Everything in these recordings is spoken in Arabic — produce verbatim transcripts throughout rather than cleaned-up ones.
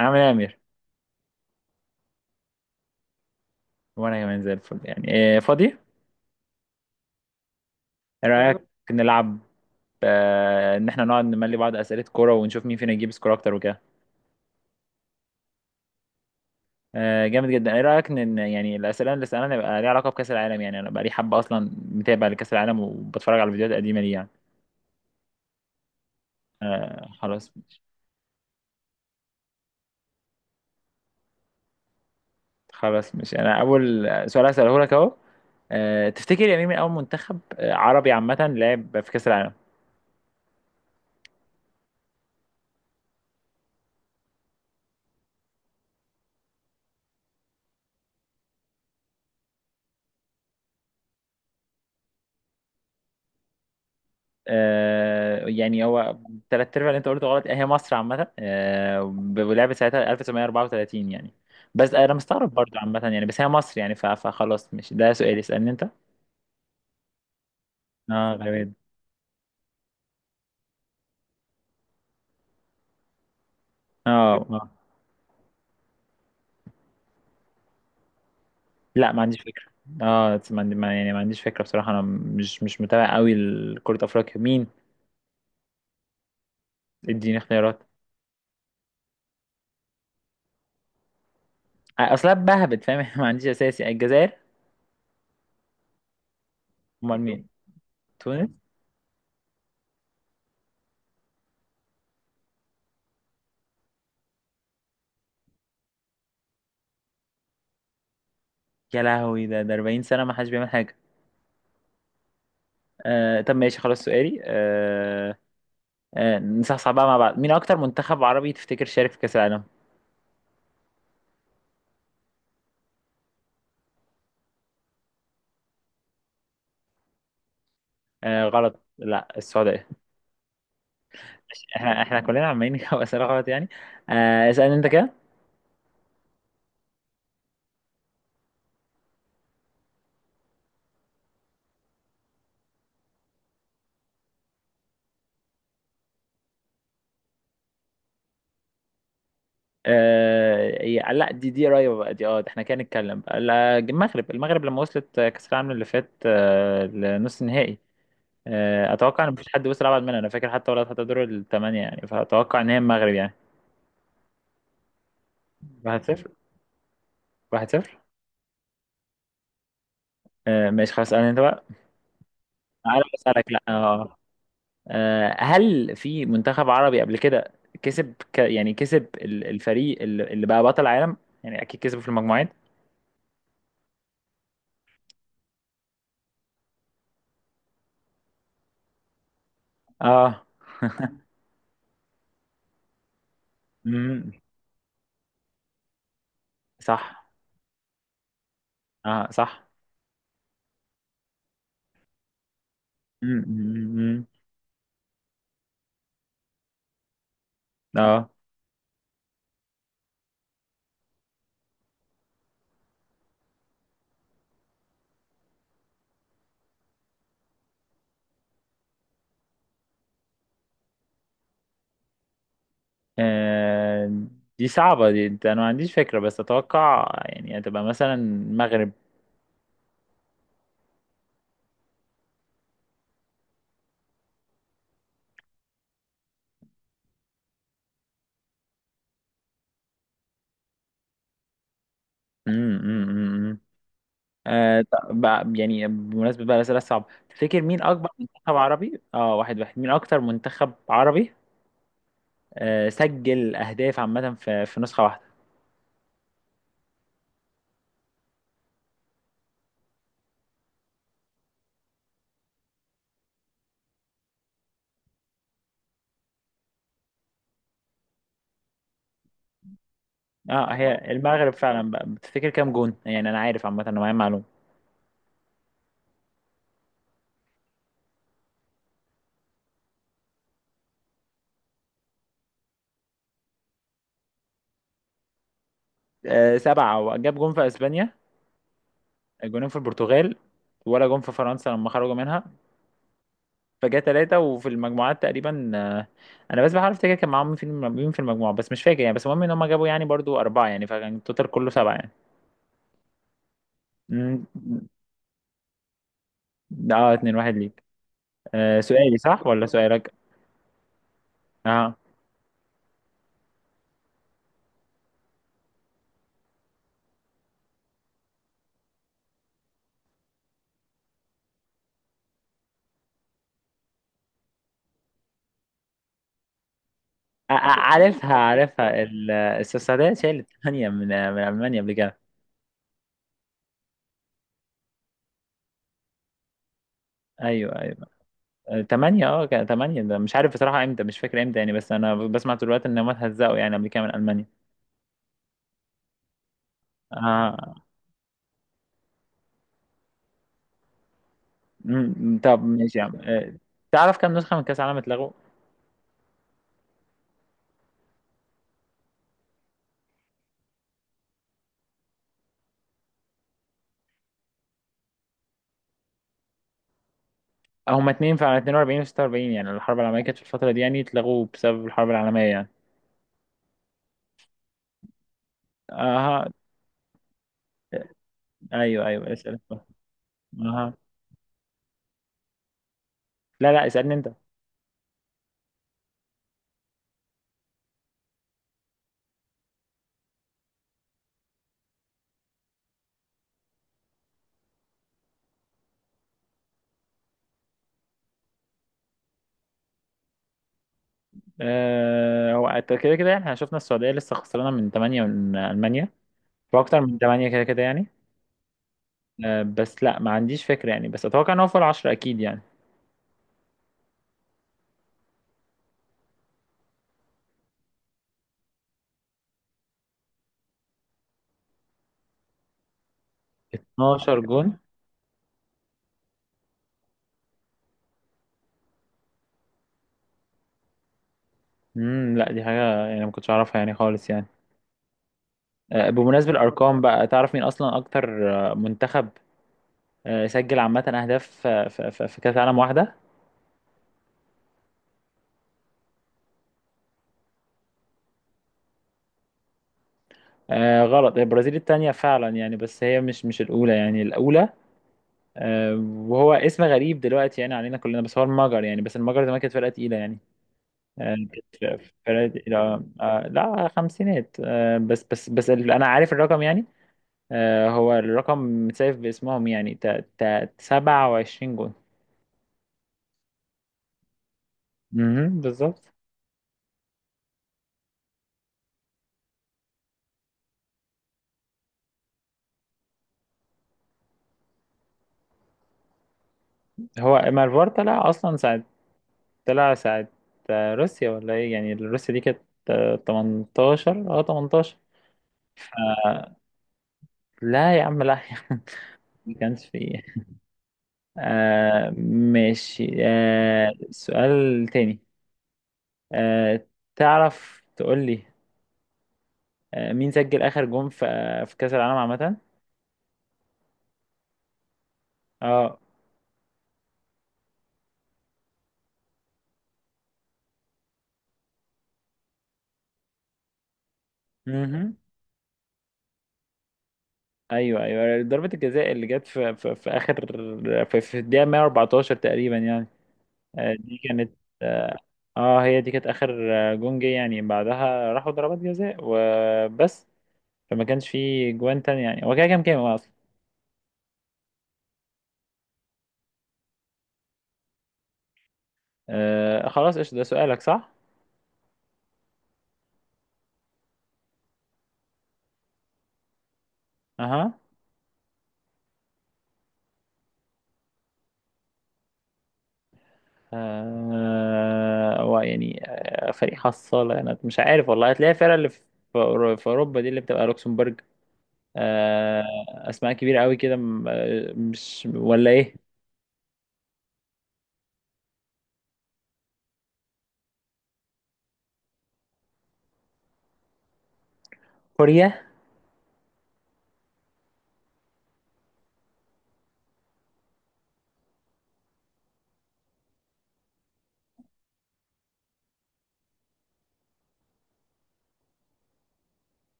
عامل ايه يا امير؟ وانا كمان زي الفل، يعني إيه فاضي؟ ايه رايك؟ يلا نلعب. آه ان احنا نقعد نملي بعض اسئله كوره ونشوف مين فينا يجيب سكور اكتر وكده. آه جامد جدا، ايه رايك ان إن يعني الاسئله اللي سالنا يبقى ليها علاقه بكاس العالم؟ يعني انا بقى لي حبه اصلا متابع لكاس العالم وبتفرج على الفيديوهات القديمه دي يعني. آه خلاص مش خلاص، مش انا اول سؤال هساله لك اهو. آه تفتكر يا مين من اول منتخب آه، عربي عامه لعب في كاس العالم؟ آه، يعني هو تلات ارباع اللي انت قلته غلط، هي مصر عامة، آه، ب- ولعبت ساعتها ألف وتسعمية واربعة وتلاتين يعني. بس انا مستغرب برضو عامة، يعني بس هي مصر يعني ف- فخلاص، مش ده سؤالي، اسألني انت. اه غالبا. اه اه لا، ما عنديش فكرة. اه، بس ما عندي ما- يعني ما عنديش فكرة بصراحة. انا مش مش متابع قوي لكرة افريقيا، مين؟ اديني اختيارات. آه، اصلا بهبت فاهم ما عنديش اساسي، الجزائر. امال مين؟ تونس. يا لهوي، ده ده اربعين سنة ما حدش بيعمل حاجة. آه طب ماشي، خلاص سؤالي. آه آه، نصحصح بقى مع بعض، مين اكتر منتخب عربي تفتكر شارك في كاس العالم؟ آه غلط، لا، السعوديه. احنا احنا كلنا عمالين نجاوب اسئله غلط يعني. آه اسالني انت كده. آه يا- لا، دي دي قريبه بقى دي، اه ده احنا كده نتكلم بقى. لا، المغرب المغرب لما وصلت آه، كاس العالم اللي فات آه لنص النهائي. آه اتوقع ان مفيش حد وصل ابعد منها، انا فاكر حتى ولا حتى دور الثمانيه يعني، فاتوقع ان هي المغرب يعني. واحد صفر. واحد صفر. آه ماشي خلاص، اسالني انت بقى. انا بسالك، لا اه. آه، هل في منتخب عربي قبل كده كسب ك... يعني كسب ال- الفريق اللي اللي بقى بطل العالم؟ يعني اكيد كسبوا في المجموعات. اه. امم. صح. اه صح. امم، أمم. أمم. اه. آه، دي صعبة دي، انت انا ما عنديش فكرة، بس اتوقع يعني هتبقى مثلا المغرب. امم أمم، أمم. آه طب بقى، يعني بمناسبة بقى الأسئلة الصعبة، تفتكر مين أكبر منتخب عربي؟ اه واحد واحد. مين أكتر منتخب عربي آه، سجل اهداف عامه في في نسخه واحده؟ اه هي المغرب فعلا بقى، بتفتكر كام جون؟ يعني انا عارف عامه، انا معايا معلومه. آه سبعه، وجاب جون في اسبانيا، جونين في البرتغال، ولا جون في فرنسا لما خرجوا منها، فجاء ثلاثه، وفي المجموعات تقريبا آه، انا بس بحاول افتكر كان معاهم مين في الم- مين في المجموعه بس مش فاكر يعني. بس المهم ان هم جابوا يعني برضو اربعه يعني، فكان التوتال كله سبعه يعني. مم. اه اتنين واحد ليك. آه سؤالي صح ولا سؤالك؟ اه ع- ع- عارفها عارفها ال- السويسرية شالت ثمانية من من ألمانيا قبل كده. أيوه أيوه، ثمانية. أه كان ثمانية، ده مش عارف بصراحة إمتى، مش فاكر إمتى يعني، بس أنا بسمع طول الوقت إن هم اتهزقوا يعني قبل كده من ألمانيا. آه، أمم، طب ماشي يا عم. آه، تعرف كام نسخة من كأس العالم اتلغوا؟ هما اتنين فعلا، اتنين واربعين و سته واربعين، يعني الحرب العالمية كانت في الفترة دي يعني، اتلغوا بسبب الحرب العالمية يعني. اها. ايوه ايوه، اسال انت. اها. لا لا، اسالني انت. أه هو أنت كده كده يعني، احنا شفنا السعوديه لسه خسرانه من تمانية من المانيا، واكتر من تمانية كده كده يعني. آه، بس لا ما عنديش فكرة يعني، بس اتوقع ان هو فوق العشرة اكيد يعني. اثنا عشر جون. امم، لا دي حاجة يعني ما كنتش اعرفها يعني خالص يعني. آه، بمناسبة الارقام بقى، تعرف مين اصلا اكتر آه، منتخب آه، سجل عامة اهداف في في في- في كأس عالم واحدة؟ آه، غلط، هي البرازيل التانية فعلا يعني، بس هي مش مش الاولى يعني. الاولى آه، وهو اسم غريب دلوقتي يعني علينا كلنا، بس هو المجر يعني، بس المجر زمان كانت فرقة تقيلة يعني آه، كانت في فرقة. لا آه، لا خمسينات، آه، بس بس بس ال- أنا عارف الرقم يعني. آه، هو الرقم متسايف باسمهم يعني تا- تا- سبعة وعشرين جون. امم، بالظبط. هو مارفار طلع أصلا ساعة، طلع ساعة، آه، روسيا ولا إيه؟ يعني روسيا دي كانت آه، تمنتاشر، أه تمنتاشر. لا يا عم، لا يا عم، ما كانش فيه. آه ماشي، آه سؤال تاني. آه تعرف تقول لي، آه، مين سجل اخر جون في آه، في كاس العالم عامه؟ اه. امم. ايوه ايوه، ضربه الجزاء اللي جت في في, في اخر، في, في الدقيقه مائة وأربعة عشر تقريبا يعني. آه، دي كانت. اه، آه، هي دي كانت اخر آه، جون جه يعني، بعدها راحوا ضربات جزاء وبس، فما كانش في جوان تاني يعني. هو كده كام، كام اصلا؟ آه خلاص، ايش ده سؤالك صح. اها. آه هو يعني، آه، فريق حصالة. انا مش عارف والله، هتلاقي الفرقة اللي في في أورو- في اوروبا دي اللي بتبقى لوكسمبورج، آه، اسماء كبيرة قوي كده م- آه، مش ولا ايه؟ كوريا.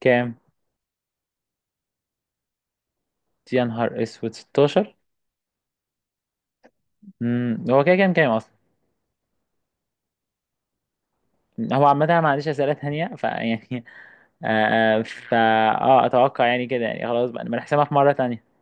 كام؟ يا نهار اسود، ستاشر. امم، هو كده كام، كام اصلا؟ هو عامة أنا ما عنديش أسئلة تانية فيعني آه آه، فا اه أتوقع يعني كده يعني، خلاص بقى نبقى نحسبها في مرة تانية.